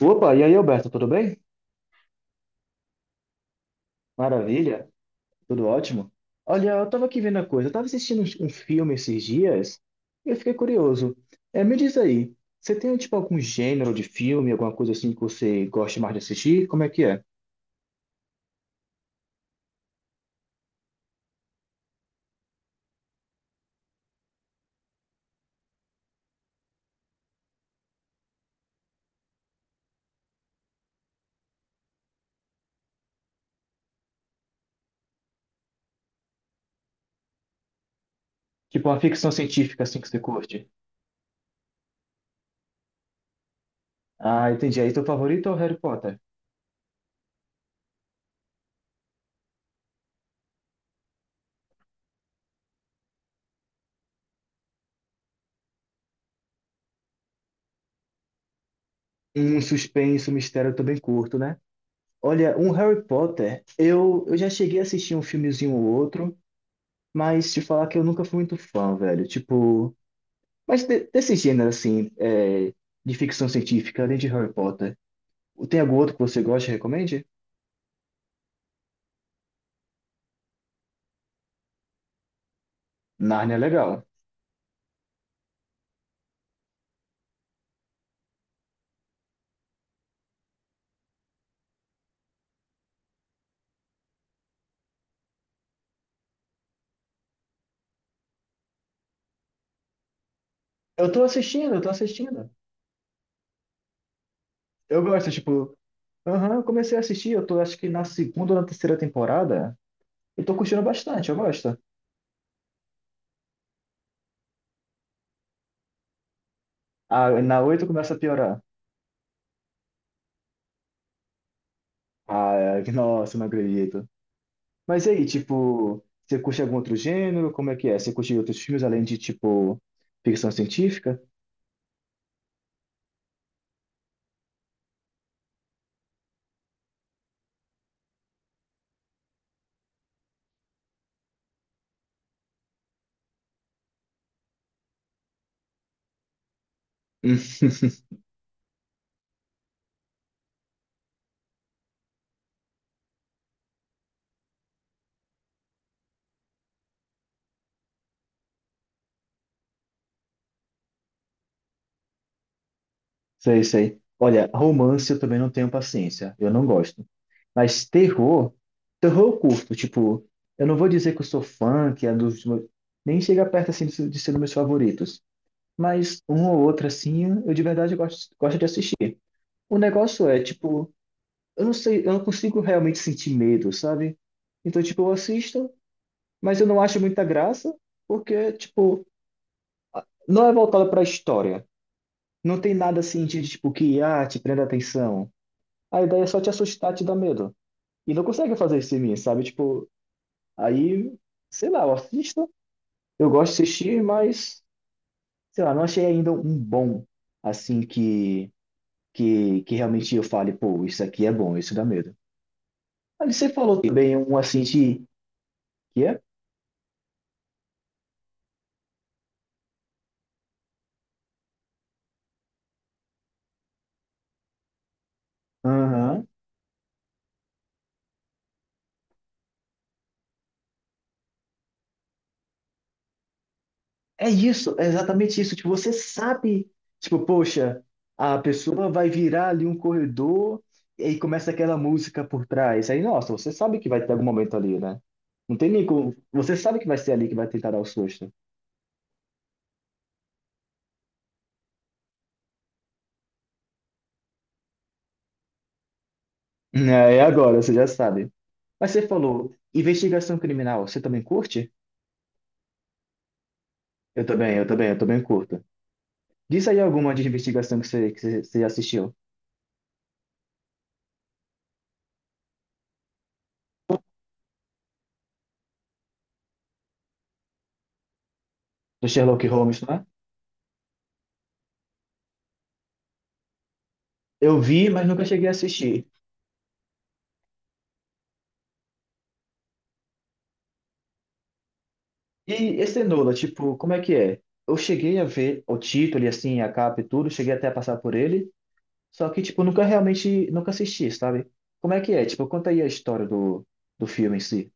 Opa, e aí, Alberto, tudo bem? Maravilha, tudo ótimo. Olha, eu tava aqui vendo a coisa, eu tava assistindo um filme esses dias e eu fiquei curioso. É, me diz aí, você tem tipo algum gênero de filme, alguma coisa assim que você gosta mais de assistir? Como é que é? Tipo uma ficção científica assim que você curte? Ah, entendi. Aí teu favorito é o Harry Potter? Um suspense, um mistério eu também curto, né? Olha, um Harry Potter, eu já cheguei a assistir um filmezinho ou outro, mas te falar que eu nunca fui muito fã, velho. Tipo. Mas desse gênero, assim, é, de ficção científica, além de Harry Potter, tem algum outro que você gosta e recomende? Narnia é legal. Eu tô assistindo. Eu gosto, tipo, aham, eu comecei a assistir, eu tô acho que na segunda ou na terceira temporada. Eu tô curtindo bastante, eu gosto. Ah, na oito começa a piorar. Ah, é, nossa, não acredito. Mas e aí, tipo, você curte algum outro gênero? Como é que é? Você curte outros filmes além de, tipo, ficção científica? Sei, sei. Olha, romance eu também não tenho paciência. Eu não gosto. Mas terror eu curto. Tipo, eu não vou dizer que eu sou fã, que é dos meus. Nem chega perto, assim, de ser dos meus favoritos. Mas um ou outro, assim, eu de verdade gosto de assistir. O negócio é, tipo, eu não sei, eu não consigo realmente sentir medo, sabe? Então, tipo, eu assisto, mas eu não acho muita graça, porque, tipo, não é voltado pra história. Não tem nada assim de, tipo, que, ah, te prenda atenção. A ideia é só te assustar, te dar medo. E não consegue fazer isso em mim, sabe? Tipo, aí, sei lá, eu assisto, eu gosto de assistir, mas, sei lá, não achei ainda um bom, assim, que realmente eu fale, pô, isso aqui é bom, isso dá medo. Aí você falou também um assim de, que é? Aham. É isso, é exatamente isso. Tipo, você sabe, tipo, poxa, a pessoa vai virar ali um corredor e aí começa aquela música por trás. Aí, nossa, você sabe que vai ter algum momento ali, né? Não tem nem como. Você sabe que vai ser ali que vai tentar dar o susto. É, é agora, você já sabe. Mas você falou, investigação criminal, você também curte? Eu também, eu também, eu também curto. Diz aí alguma de investigação que você assistiu. Do Sherlock Holmes, não é? Eu vi, mas nunca cheguei a assistir. E esse Enola, tipo, como é que é? Eu cheguei a ver o título e assim, a capa e tudo, cheguei até a passar por ele, só que, tipo, nunca realmente, nunca assisti, sabe? Como é que é? Tipo, conta aí a história do filme em si.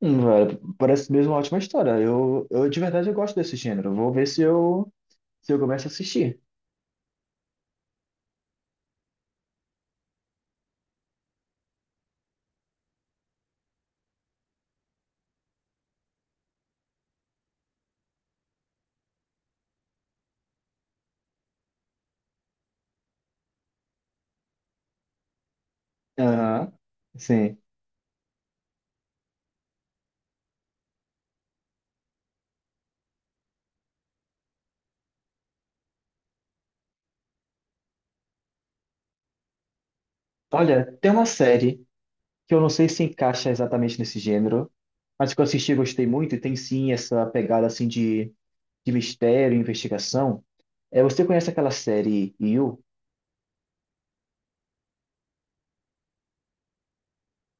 Velho, parece mesmo uma ótima história. Eu de verdade eu gosto desse gênero. Vou ver se eu começo a assistir. Aham, sim. Olha, tem uma série que eu não sei se encaixa exatamente nesse gênero, mas que eu assisti e gostei muito, e tem sim essa pegada assim de mistério, investigação. É, você conhece aquela série You?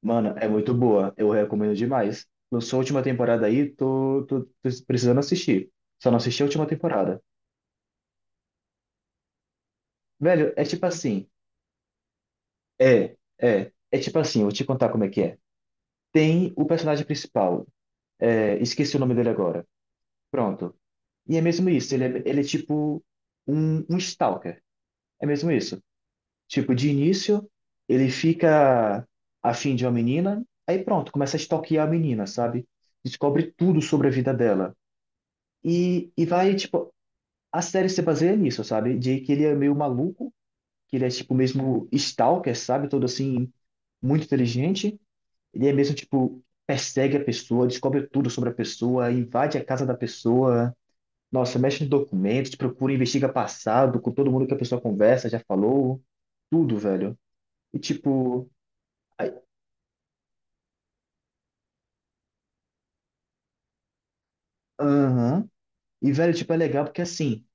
Mano, é muito boa. Eu recomendo demais. Lançou a última temporada aí, tô precisando assistir. Só não assisti a última temporada. Velho, é tipo assim. É, é. É tipo assim, vou te contar como é que é. Tem o personagem principal. É, esqueci o nome dele agora. Pronto. E é mesmo isso. Ele é tipo um stalker. É mesmo isso. Tipo, de início, ele fica afim de uma menina, aí pronto, começa a stalkear a menina, sabe? Descobre tudo sobre a vida dela. E vai, tipo, a série se baseia nisso, sabe? De que ele é meio maluco, que ele é, tipo, mesmo stalker, sabe? Todo assim, muito inteligente. Ele é mesmo, tipo, persegue a pessoa, descobre tudo sobre a pessoa, invade a casa da pessoa. Nossa, mexe em documentos, procura, investiga passado, com todo mundo que a pessoa conversa, já falou, tudo, velho. E, tipo. Aham. E, velho, tipo, é legal porque assim,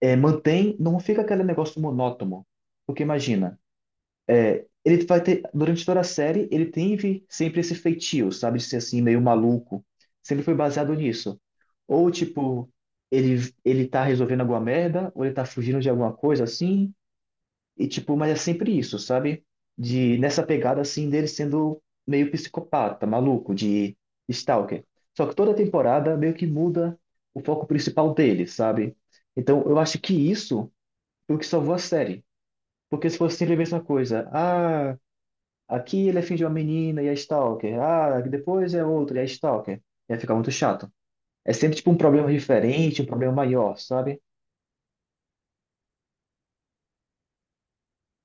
é, mantém, não fica aquele negócio monótono. Porque imagina, é, ele vai ter, durante toda a série, ele teve sempre esse feitio, sabe, de ser assim, meio maluco. Sempre foi baseado nisso. Ou, tipo, ele tá resolvendo alguma merda, ou ele tá fugindo de alguma coisa assim, e tipo, mas é sempre isso, sabe? De nessa pegada assim dele sendo meio psicopata, maluco, de stalker. Só que toda temporada meio que muda o foco principal dele, sabe? Então, eu acho que isso foi o que salvou a série. Porque se fosse sempre a mesma coisa, ah, aqui ele é filho de uma menina e é stalker. Ah, depois é outro e é stalker. Ia ficar muito chato. É sempre tipo um problema diferente, um problema maior, sabe?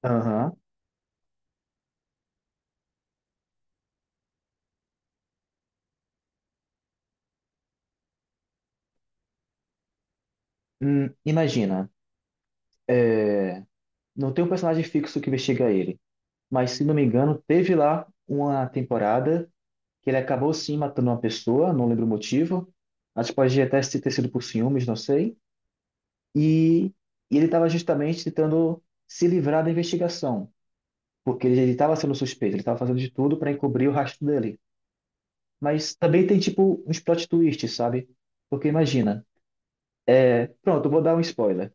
Aham. Imagina, não tem um personagem fixo que investiga ele. Mas se não me engano, teve lá uma temporada que ele acabou sim matando uma pessoa, não lembro o motivo. Acho que pode até ter sido por ciúmes, não sei. E, e ele estava justamente tentando se livrar da investigação, porque ele estava sendo suspeito, ele estava fazendo de tudo para encobrir o rastro dele. Mas também tem tipo uns plot twists, sabe? Porque imagina, pronto, eu vou dar um spoiler.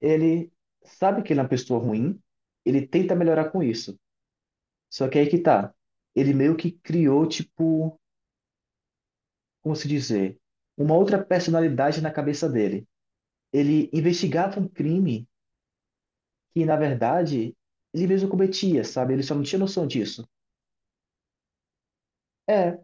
Ele sabe que ele é uma pessoa ruim, ele tenta melhorar com isso. Só que aí que tá. Ele meio que criou, tipo, como se dizer, uma outra personalidade na cabeça dele. Ele investigava um crime que, na verdade, ele mesmo cometia, sabe? Ele só não tinha noção disso. É,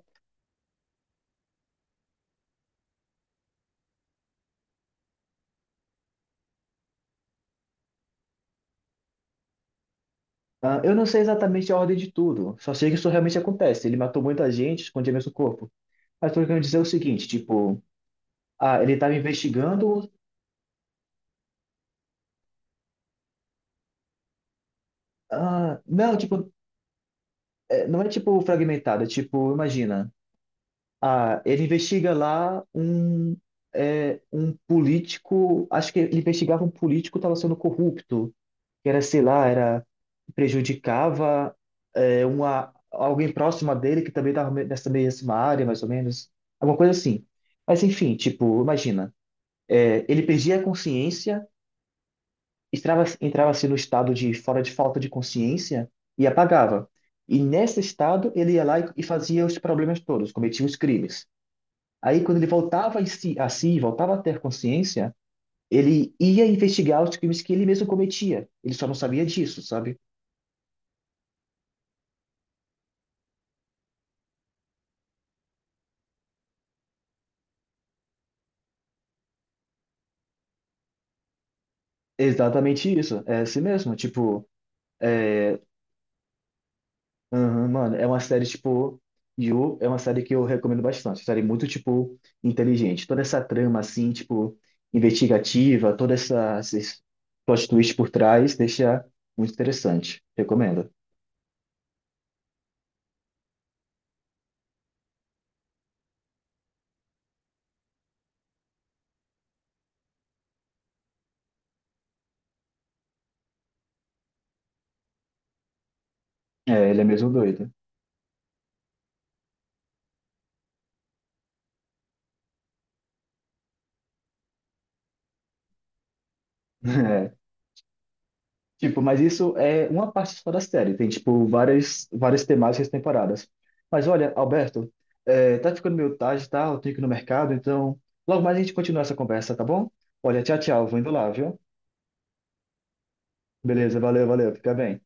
ah, eu não sei exatamente a ordem de tudo, só sei que isso realmente acontece. Ele matou muita gente, escondia mesmo o corpo. Mas tô querendo dizer é o seguinte, tipo, ah, ele estava investigando. Ah, não, tipo, é, não é tipo fragmentado, é tipo, imagina. Ah, ele investiga lá um político. Acho que ele investigava um político que estava sendo corrupto, que era, sei lá, era prejudicava alguém próximo a dele que também estava nessa mesma área, mais ou menos, alguma coisa assim. Mas enfim, tipo, imagina, ele perdia a consciência, entrava-se no estado de fora de falta de consciência e apagava. E nesse estado ele ia lá e fazia os problemas todos, cometia os crimes. Aí, quando ele voltava a si, voltava a ter consciência, ele ia investigar os crimes que ele mesmo cometia. Ele só não sabia disso, sabe? Exatamente isso. É assim mesmo. Tipo, aham, mano, é uma série, tipo, You é uma série que eu recomendo bastante. Série muito, tipo, inteligente. Toda essa trama, assim, tipo, investigativa, toda essa esses plot twist por trás, deixa muito interessante. Recomendo. É, ele é mesmo doido. Tipo, mas isso é uma parte só da série. Tem, tipo, várias, várias temáticas e temporadas. Mas olha, Alberto, tá ficando meio tarde, tá? Eu tenho que ir no mercado, então logo mais a gente continua essa conversa, tá bom? Olha, tchau, tchau. Vou indo lá, viu? Beleza, valeu, valeu. Fica bem.